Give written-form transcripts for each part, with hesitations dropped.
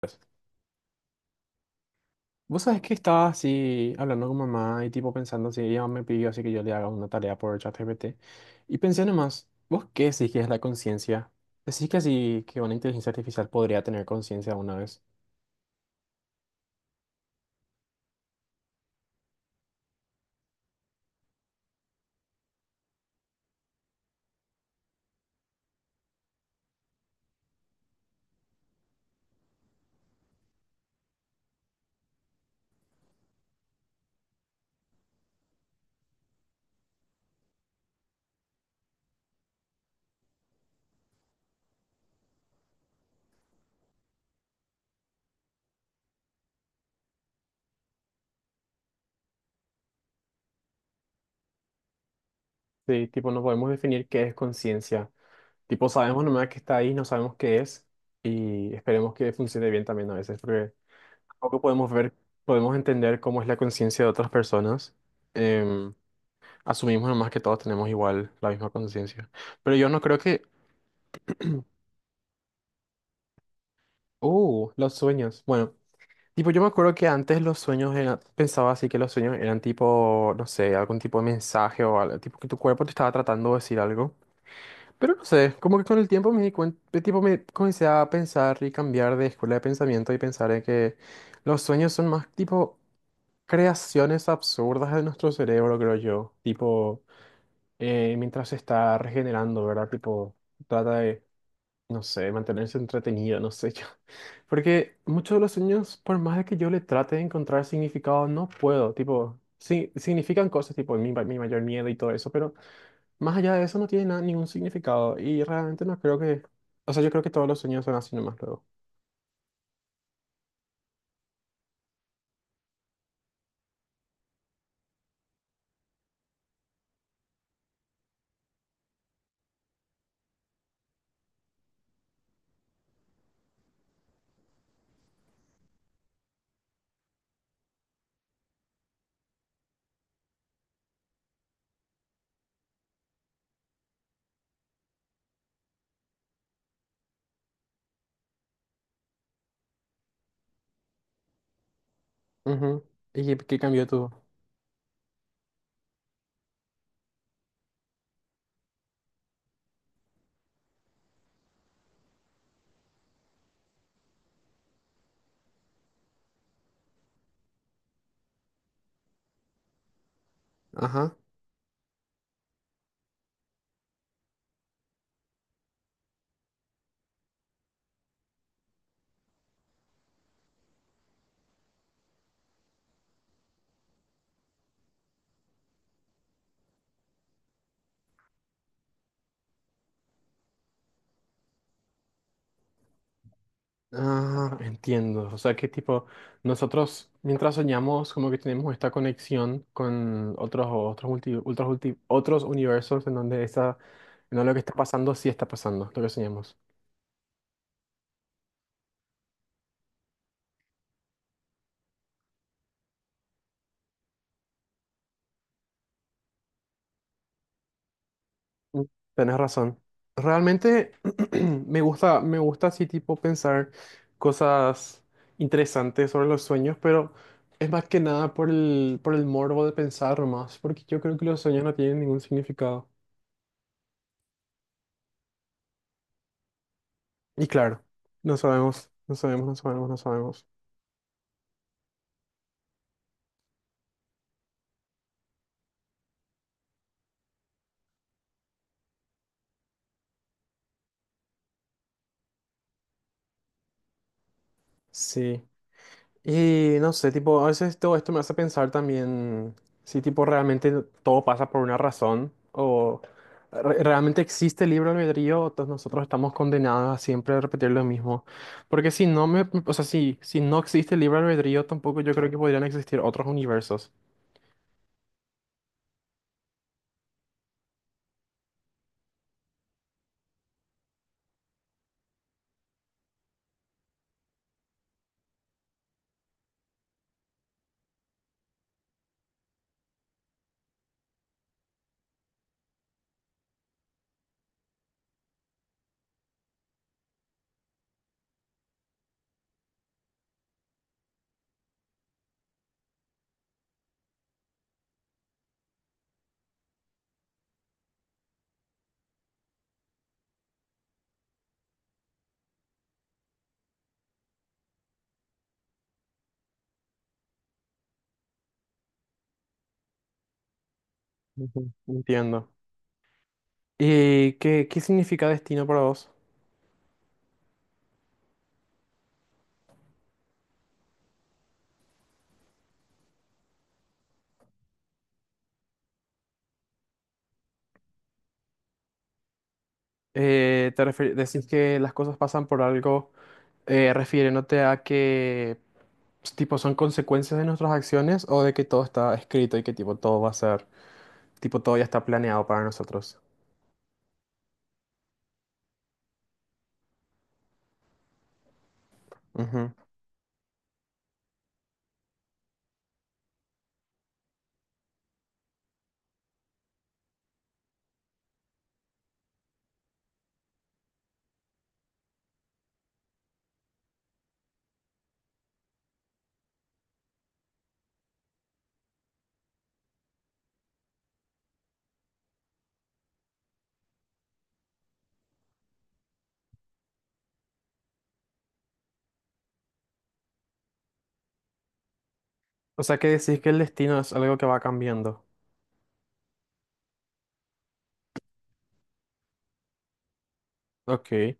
Pues, vos sabés que estaba así hablando con mamá y tipo pensando si ella me pidió así que yo le haga una tarea por ChatGPT. Y pensé nomás, ¿vos qué decís que es la conciencia? ¿Decís que así que una inteligencia artificial podría tener conciencia una vez? Sí, tipo no podemos definir qué es conciencia. Tipo sabemos nomás que está ahí, no sabemos qué es y esperemos que funcione bien también a veces porque tampoco podemos ver, podemos entender cómo es la conciencia de otras personas. Em, asumimos nomás que todos tenemos igual la misma conciencia. Pero yo no creo que... los sueños. Bueno, tipo, yo me acuerdo que antes los sueños pensaba así que los sueños eran tipo, no sé, algún tipo de mensaje o algo, tipo que tu cuerpo te estaba tratando de decir algo. Pero no sé, como que con el tiempo me di cuenta, tipo, me comencé a pensar y cambiar de escuela de pensamiento y pensar en que los sueños son más tipo creaciones absurdas de nuestro cerebro, creo yo. Tipo, mientras se está regenerando, ¿verdad? Tipo, trata de no sé, mantenerse entretenido, no sé yo. Porque muchos de los sueños, por más de que yo le trate de encontrar significado, no puedo. Tipo, sí, significan cosas, tipo mi mayor miedo y todo eso, pero más allá de eso no tiene nada, ningún significado. Y realmente no creo que... O sea, yo creo que todos los sueños son así nomás luego. Ujú. ¿Y qué, qué cambió tú? Ajá. Ah, entiendo. O sea, que tipo, nosotros mientras soñamos, como que tenemos esta conexión con otros universos en donde esa, en donde lo que está pasando sí está pasando, lo que soñamos. Mm, tenés razón. Realmente me gusta así tipo pensar cosas interesantes sobre los sueños, pero es más que nada por el morbo de pensar más, porque yo creo que los sueños no tienen ningún significado. Y claro, no sabemos. Sí. Y no sé, tipo, a veces todo esto me hace pensar también si, tipo, realmente todo pasa por una razón o realmente existe el libre albedrío o todos nosotros estamos condenados a siempre repetir lo mismo. Porque si no me, o sea, si no existe el libre albedrío, tampoco yo creo que podrían existir otros universos. Ujú. Entiendo. ¿Y qué, qué significa destino para vos? Decís que las cosas pasan por algo. Refiriéndote a que pues, tipo son consecuencias de nuestras acciones o de que todo está escrito y que tipo todo va a ser, tipo todo ya está planeado para nosotros. Ujú. O sea que decís que el destino es algo que va cambiando. Ok.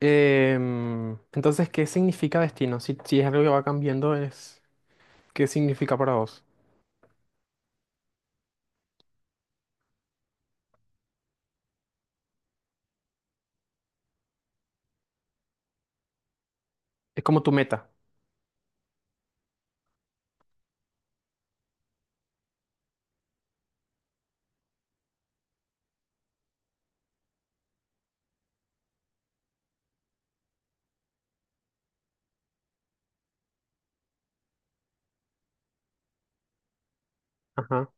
Entonces, ¿qué significa destino? Si es algo que va cambiando, es, ¿qué significa para vos? Es como tu meta. Ajá.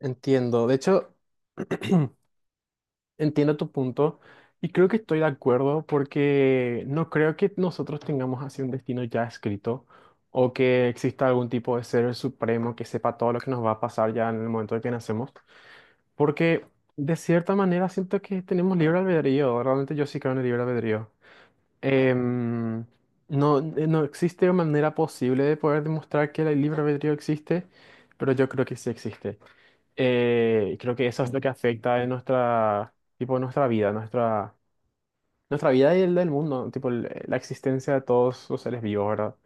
Entiendo. De hecho, entiendo tu punto y creo que estoy de acuerdo porque no creo que nosotros tengamos así un destino ya escrito o que exista algún tipo de ser supremo que sepa todo lo que nos va a pasar ya en el momento de que nacemos. Porque de cierta manera siento que tenemos libre albedrío. Realmente yo sí creo en el libre albedrío. Em, no existe manera posible de poder demostrar que el libre albedrío existe, pero yo creo que sí existe. Creo que eso es lo que afecta en nuestra, tipo, nuestra vida y el del mundo, tipo, la existencia de todos los seres vivos, ¿verdad?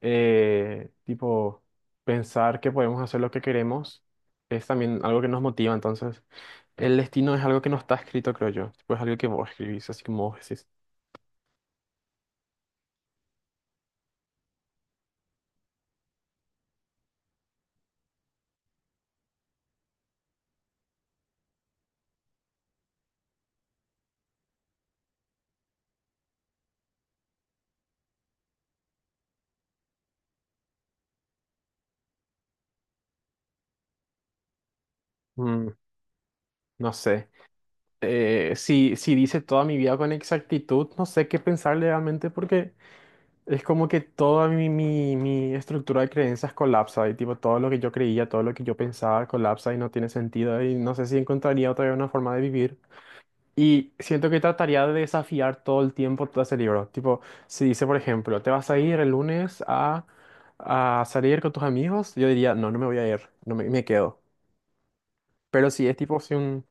Tipo, pensar que podemos hacer lo que queremos es también algo que nos motiva, entonces, el destino es algo que no está escrito, creo yo, tipo, es algo que vos escribís, así como vos decís. Mm, no sé. Si dice toda mi vida con exactitud, no sé qué pensar realmente porque... Es como que toda mi estructura de creencias colapsa y tipo todo lo que yo creía, todo lo que yo pensaba colapsa y no tiene sentido y no sé si encontraría otra vez una forma de vivir. Y siento que trataría de desafiar todo el tiempo todo ese libro. Tipo, si dice, por ejemplo, te vas a ir el lunes a salir con tus amigos, yo diría, no, no me voy a ir, no me, me quedo. Pero si es tipo, si un...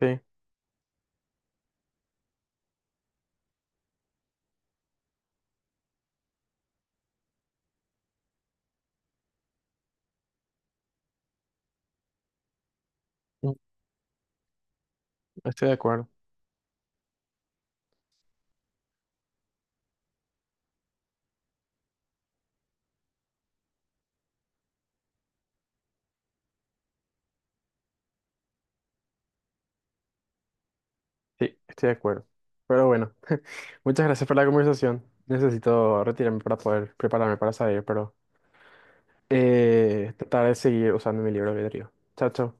Sí, mm, estoy de acuerdo. Sí, estoy de acuerdo. Pero bueno. Muchas gracias por la conversación. Necesito retirarme para poder prepararme para salir, pero trataré de seguir usando mi libro de albedrío. Chao, chao.